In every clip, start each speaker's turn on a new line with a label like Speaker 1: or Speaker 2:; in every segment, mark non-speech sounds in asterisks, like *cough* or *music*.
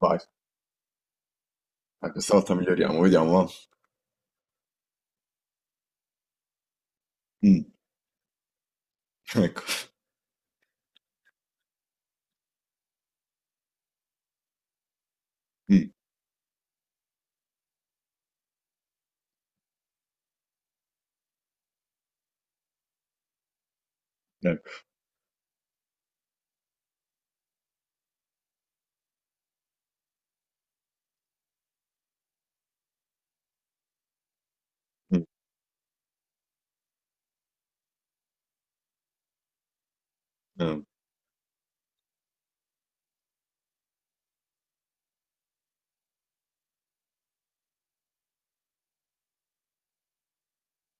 Speaker 1: Vai, questa volta miglioriamo, vediamo. Va. Mm, ecco. Mm, ecco. Mm, eh,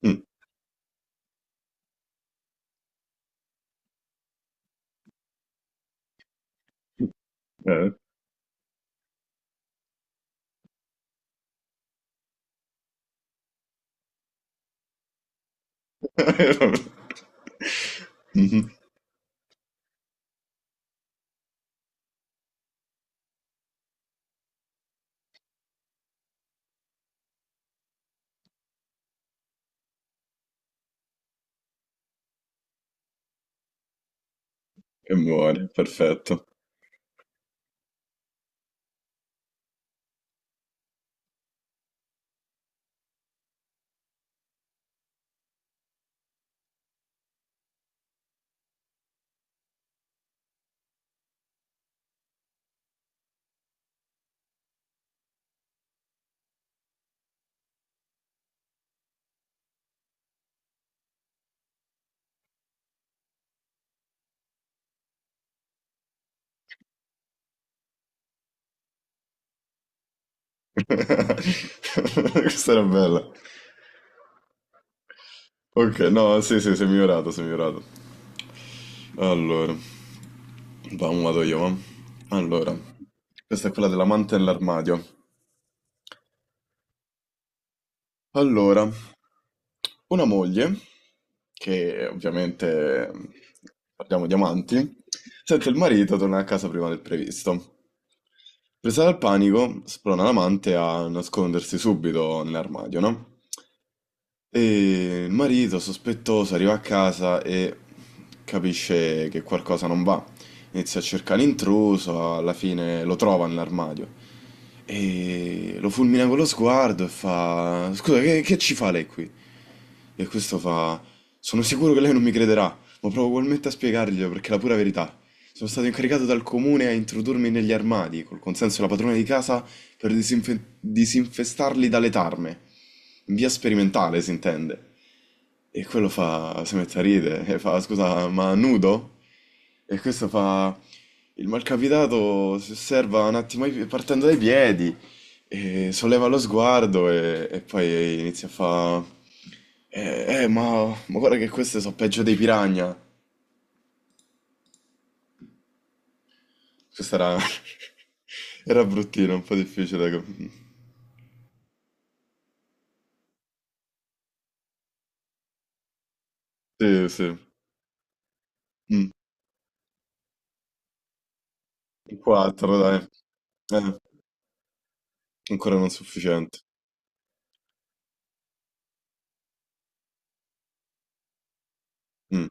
Speaker 1: mm, eh. *laughs* Mhm. E muore, perfetto. *laughs* Questa era bella. Ok, no, sì, sì, sei migliorato, sei migliorato. Allora, vado io, va. Allora, questa è quella dell'amante nell'armadio. Allora, una moglie, che ovviamente parliamo di amanti, sente il marito tornare a casa prima del previsto. Presa dal panico, sprona l'amante a nascondersi subito nell'armadio, no? E il marito, sospettoso, arriva a casa e capisce che qualcosa non va. Inizia a cercare l'intruso, alla fine lo trova nell'armadio e lo fulmina con lo sguardo e fa: Scusa, che ci fa lei qui? E questo fa... Sono sicuro che lei non mi crederà, ma provo ugualmente a spiegarglielo perché è la pura verità. Sono stato incaricato dal comune a introdurmi negli armadi, col consenso della padrona di casa, per disinfestarli dalle tarme. In via sperimentale, si intende. E quello fa... si mette a ridere e fa, scusa, ma nudo? E questo fa... Il malcapitato si osserva un attimo partendo dai piedi e solleva lo sguardo e poi inizia a fa... Eh, ma guarda che queste sono peggio dei piranha. Questa era... *laughs* era bruttina, un po' difficile. Sì, sì. Mm. Un 4, dai. Eh, ancora non sufficiente. Mm,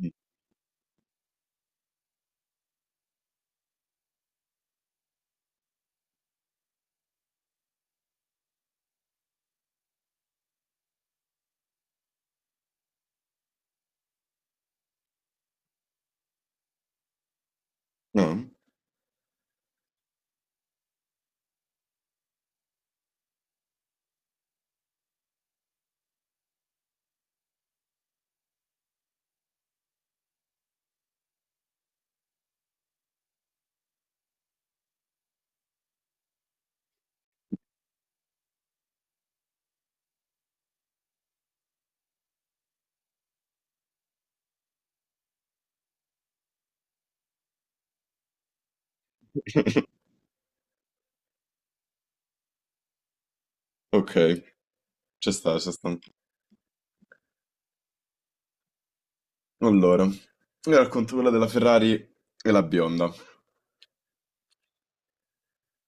Speaker 1: mm. No? Ok, ci sta, ci sta. Allora, io racconto quella della Ferrari e la bionda.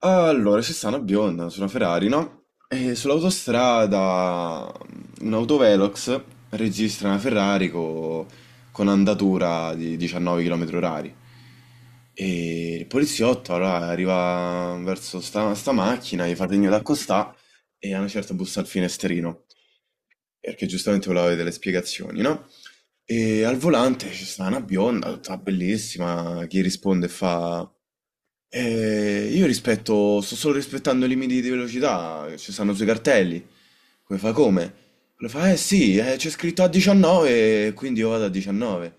Speaker 1: Allora, c'è sta una bionda su una Ferrari, no? E sull'autostrada un autovelox registra una Ferrari con andatura di 19 km orari. E il poliziotto allora arriva verso sta macchina, gli fa segno d'accostà e a una certa bussa al finestrino, perché giustamente voleva avere delle spiegazioni, no? E al volante c'è sta una bionda, tutta bellissima, che risponde e fa... sto solo rispettando i limiti di velocità, che ci stanno sui cartelli. Come fa come? Lui fa, eh sì, c'è scritto a 19, quindi io vado a 19.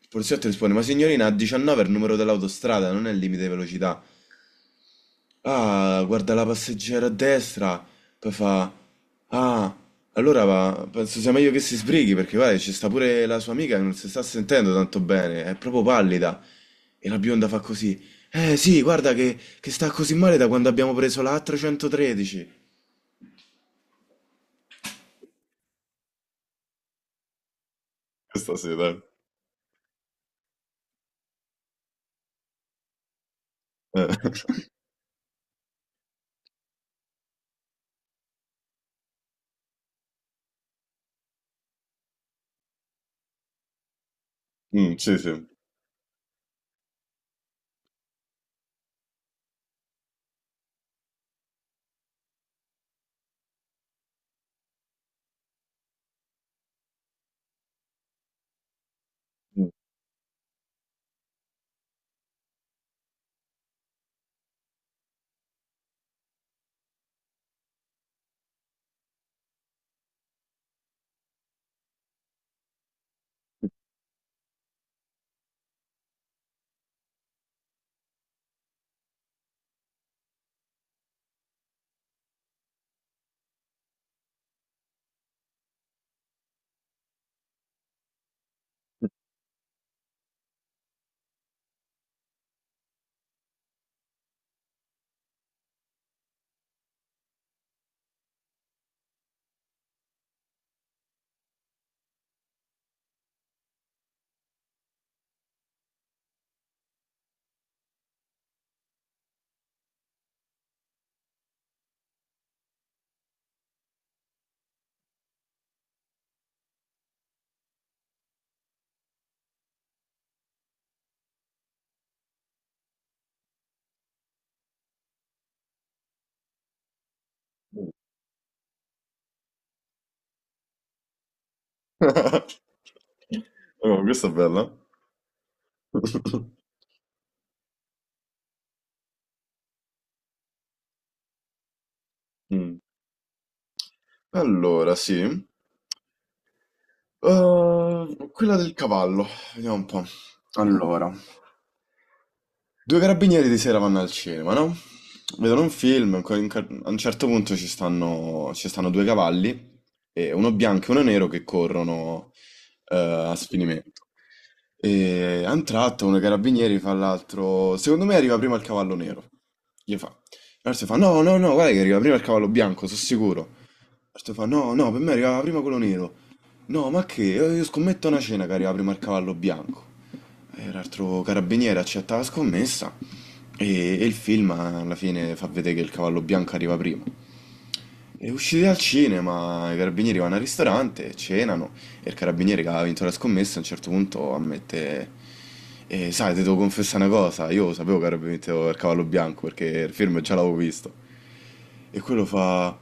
Speaker 1: Il poliziotto risponde, ma signorina, a 19 è il numero dell'autostrada, non è il limite di velocità. Ah, guarda la passeggera a destra, poi fa... Ah, allora va, penso sia meglio che si sbrighi perché guarda, ci sta pure la sua amica che non si sta sentendo tanto bene, è proprio pallida. E la bionda fa così. Eh sì, guarda che sta così male da quando abbiamo preso la A313. Questa sì, dai. Eh, mm, sì, sì. Mm. Oh, questa è bella. Mm. Allora, sì. Quella del cavallo. Vediamo un po'. Allora. Due carabinieri di sera vanno al cinema, no? Vedono un film, a un certo punto ci stanno due cavalli, e uno bianco e uno nero che corrono a sfinimento. E a un tratto uno dei carabinieri fa all'altro, secondo me arriva prima il cavallo nero. Gli fa. L'altro fa, no, no, no, guarda che arriva prima il cavallo bianco, sono sicuro. L'altro fa, no, no, per me arrivava prima quello nero. No, ma che? Io scommetto una cena che arriva prima il cavallo bianco. E l'altro carabiniere accetta la scommessa e il film alla fine fa vedere che il cavallo bianco arriva prima. E usciti dal cinema, i carabinieri vanno al ristorante, cenano e il carabiniere che ha vinto la scommessa a un certo punto ammette sai, ti devo confessare una cosa, io sapevo che avrebbe vinto il cavallo bianco perché il film già l'avevo visto». E quello fa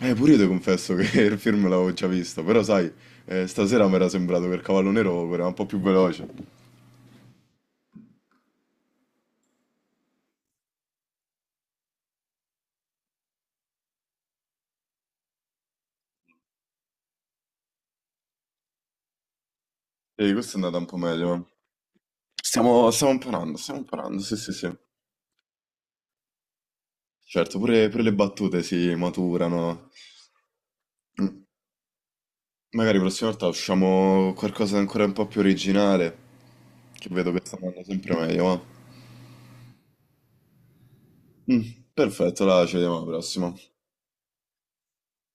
Speaker 1: Pure io ti confesso che *laughs* il film l'avevo già visto, però sai, stasera mi era sembrato che il cavallo nero era un po' più veloce». E questo è andato un po' meglio, eh. Stiamo imparando, stiamo imparando, sì, sì, sì. Certo, pure le battute si maturano. Mm, Magari la prossima volta usciamo con qualcosa di ancora un po' più originale, che vedo che sta andando sempre meglio, ma... Mm, perfetto, là, ci vediamo alla prossima.